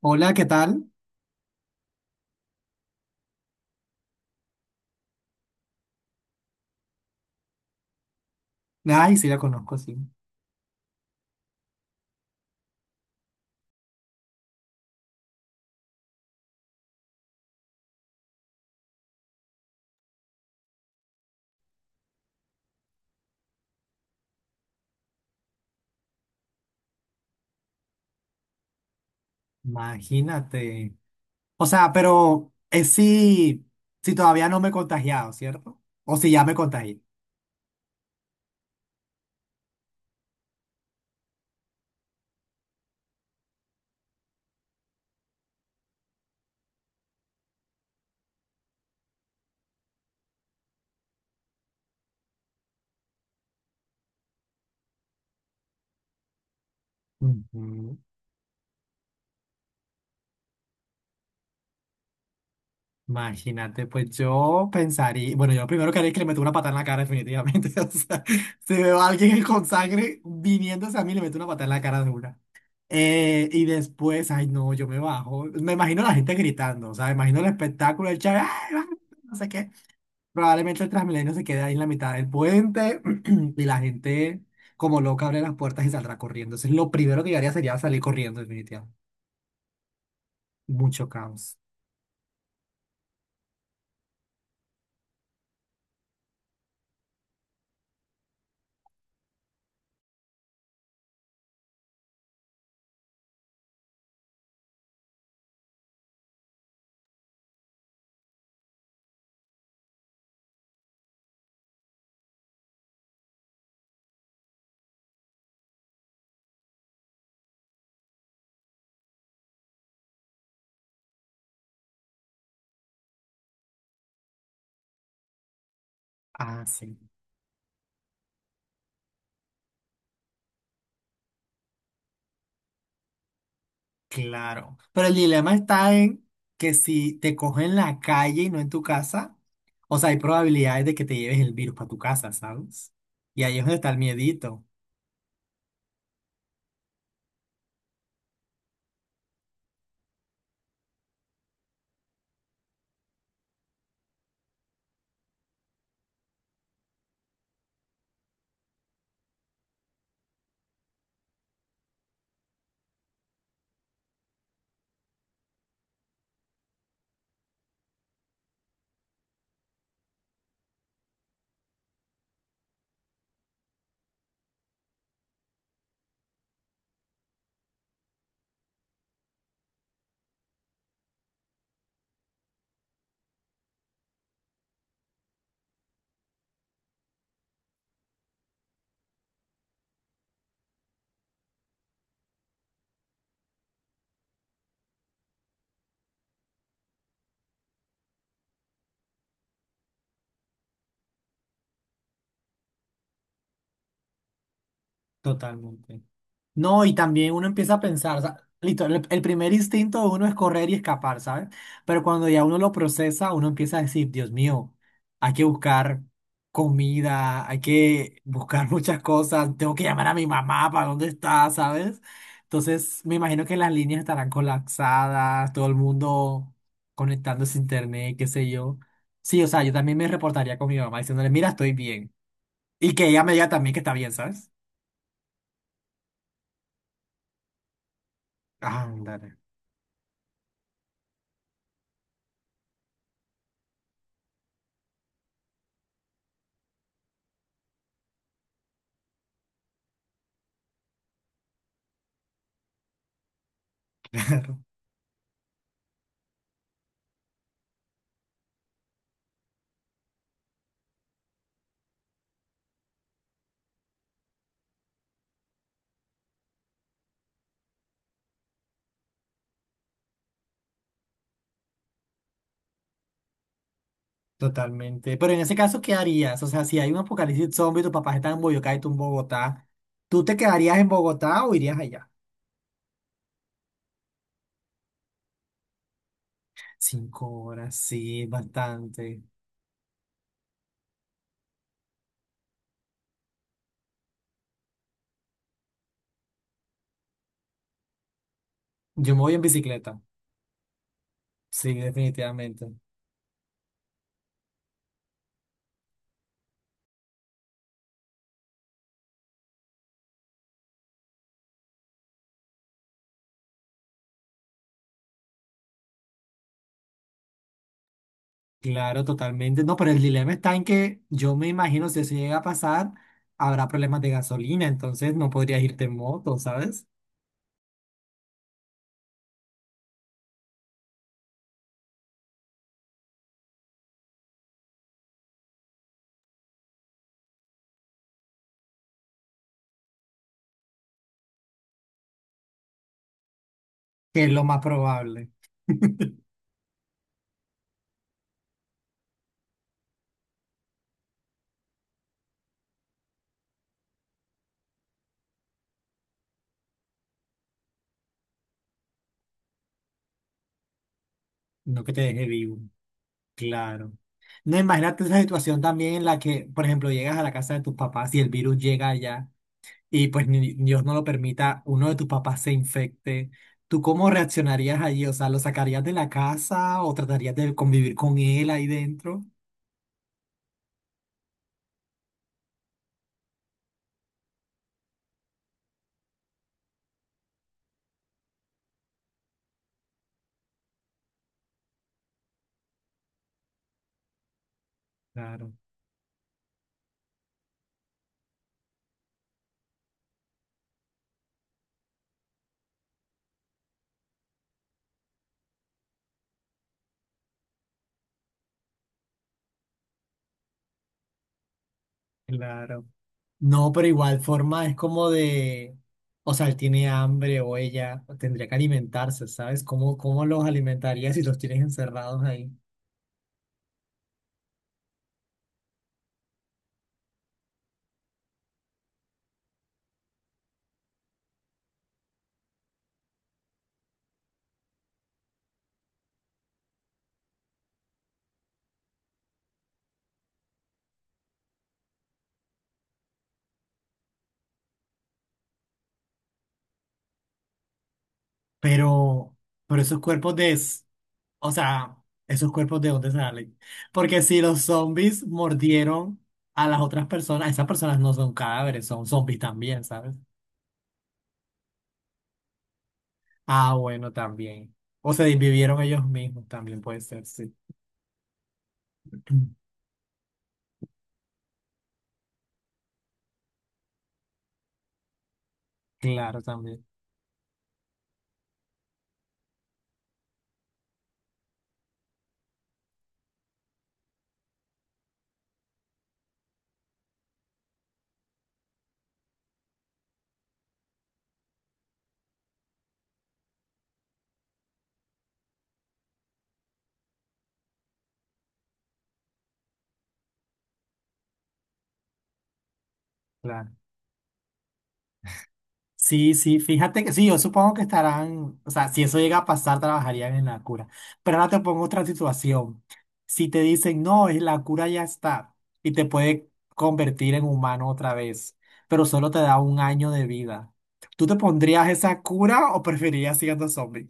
Hola, ¿qué tal? Ay, sí la conozco, sí. Imagínate. O sea, pero es si, si todavía no me he contagiado, ¿cierto? O si ya me contagié. Ujú. Imagínate, pues yo pensaría, bueno, yo lo primero que haría es que le meto una patada en la cara definitivamente. O sea, si veo a alguien con sangre viniéndose a mí, le meto una patada en la cara de una. Y después, ay no, yo me bajo. Me imagino a la gente gritando, o sea, me imagino el espectáculo, el chat, "Ay, ay", no sé qué. Probablemente el Transmilenio se quede ahí en la mitad del puente y la gente como loca abre las puertas y saldrá corriendo. Entonces lo primero que yo haría sería salir corriendo, definitivamente. Mucho caos. Ah, sí, claro. Pero el dilema está en que si te cogen en la calle y no en tu casa, o sea, hay probabilidades de que te lleves el virus para tu casa, ¿sabes? Y ahí es donde está el miedito. Totalmente. No, y también uno empieza a pensar, o sea, listo, el primer instinto de uno es correr y escapar, ¿sabes? Pero cuando ya uno lo procesa, uno empieza a decir, Dios mío, hay que buscar comida, hay que buscar muchas cosas, tengo que llamar a mi mamá para dónde está, ¿sabes? Entonces, me imagino que las líneas estarán colapsadas, todo el mundo conectándose a internet, qué sé yo. Sí, o sea, yo también me reportaría con mi mamá diciéndole, mira, estoy bien. Y que ella me diga también que está bien, ¿sabes? Ándale. Totalmente. Pero en ese caso, ¿qué harías? O sea, si hay un apocalipsis zombie, tu papá está en Boyacá y tú en Bogotá, ¿tú te quedarías en Bogotá o irías allá? Cinco horas, sí, bastante. Yo me voy en bicicleta, sí, definitivamente. Claro, totalmente. No, pero el dilema está en que yo me imagino si eso llega a pasar, habrá problemas de gasolina, entonces no podrías irte en moto, ¿sabes? Que es lo más probable, no que te deje vivo. Claro. No, imagínate esa situación también en la que, por ejemplo, llegas a la casa de tus papás y el virus llega allá y pues ni- Dios no lo permita, uno de tus papás se infecte. ¿Tú cómo reaccionarías allí? O sea, ¿lo sacarías de la casa o tratarías de convivir con él ahí dentro? Claro, claro. No, pero igual forma es como de, o sea, él tiene hambre o ella tendría que alimentarse, ¿sabes? ¿Cómo los alimentarías si los tienes encerrados ahí? Pero, pero esos cuerpos de, o sea, esos cuerpos de dónde salen. Porque si los zombies mordieron a las otras personas, esas personas no son cadáveres, son zombies también, ¿sabes? Ah, bueno, también. O se desvivieron ellos mismos, también puede ser, sí. Claro, también. Claro. Sí, sí, fíjate que sí, yo supongo que estarán, o sea, si eso llega a pasar, trabajarían en la cura. Pero ahora te pongo otra situación. Si te dicen, no, es la cura ya está y te puede convertir en humano otra vez, pero solo te da un año de vida, ¿tú te pondrías esa cura o preferirías siendo zombie?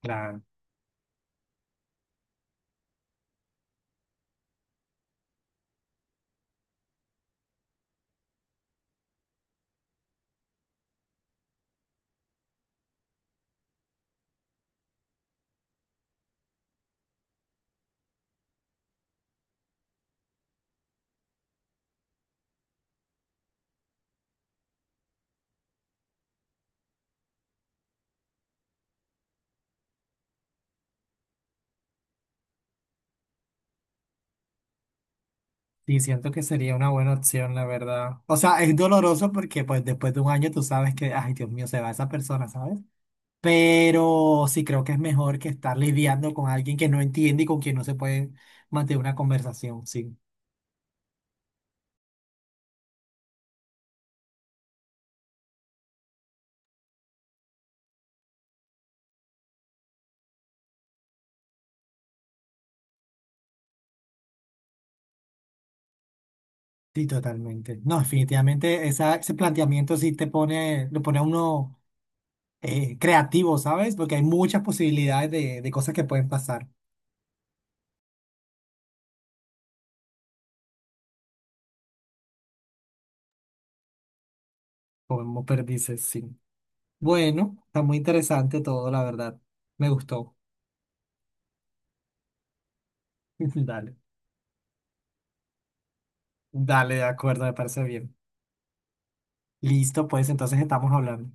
Claro. Sí, siento que sería una buena opción, la verdad. O sea, es doloroso porque pues después de un año tú sabes que, ay, Dios mío, se va esa persona, ¿sabes? Pero sí creo que es mejor que estar lidiando con alguien que no entiende y con quien no se puede mantener una conversación. Sí, sí, totalmente. No, definitivamente esa- ese planteamiento sí te pone, lo pone a uno creativo, ¿sabes? Porque hay muchas posibilidades de cosas que pueden pasar, como perdices, sí. Bueno, está muy interesante todo, la verdad. Me gustó. Dale, dale, de acuerdo, me parece bien. Listo, pues entonces estamos hablando.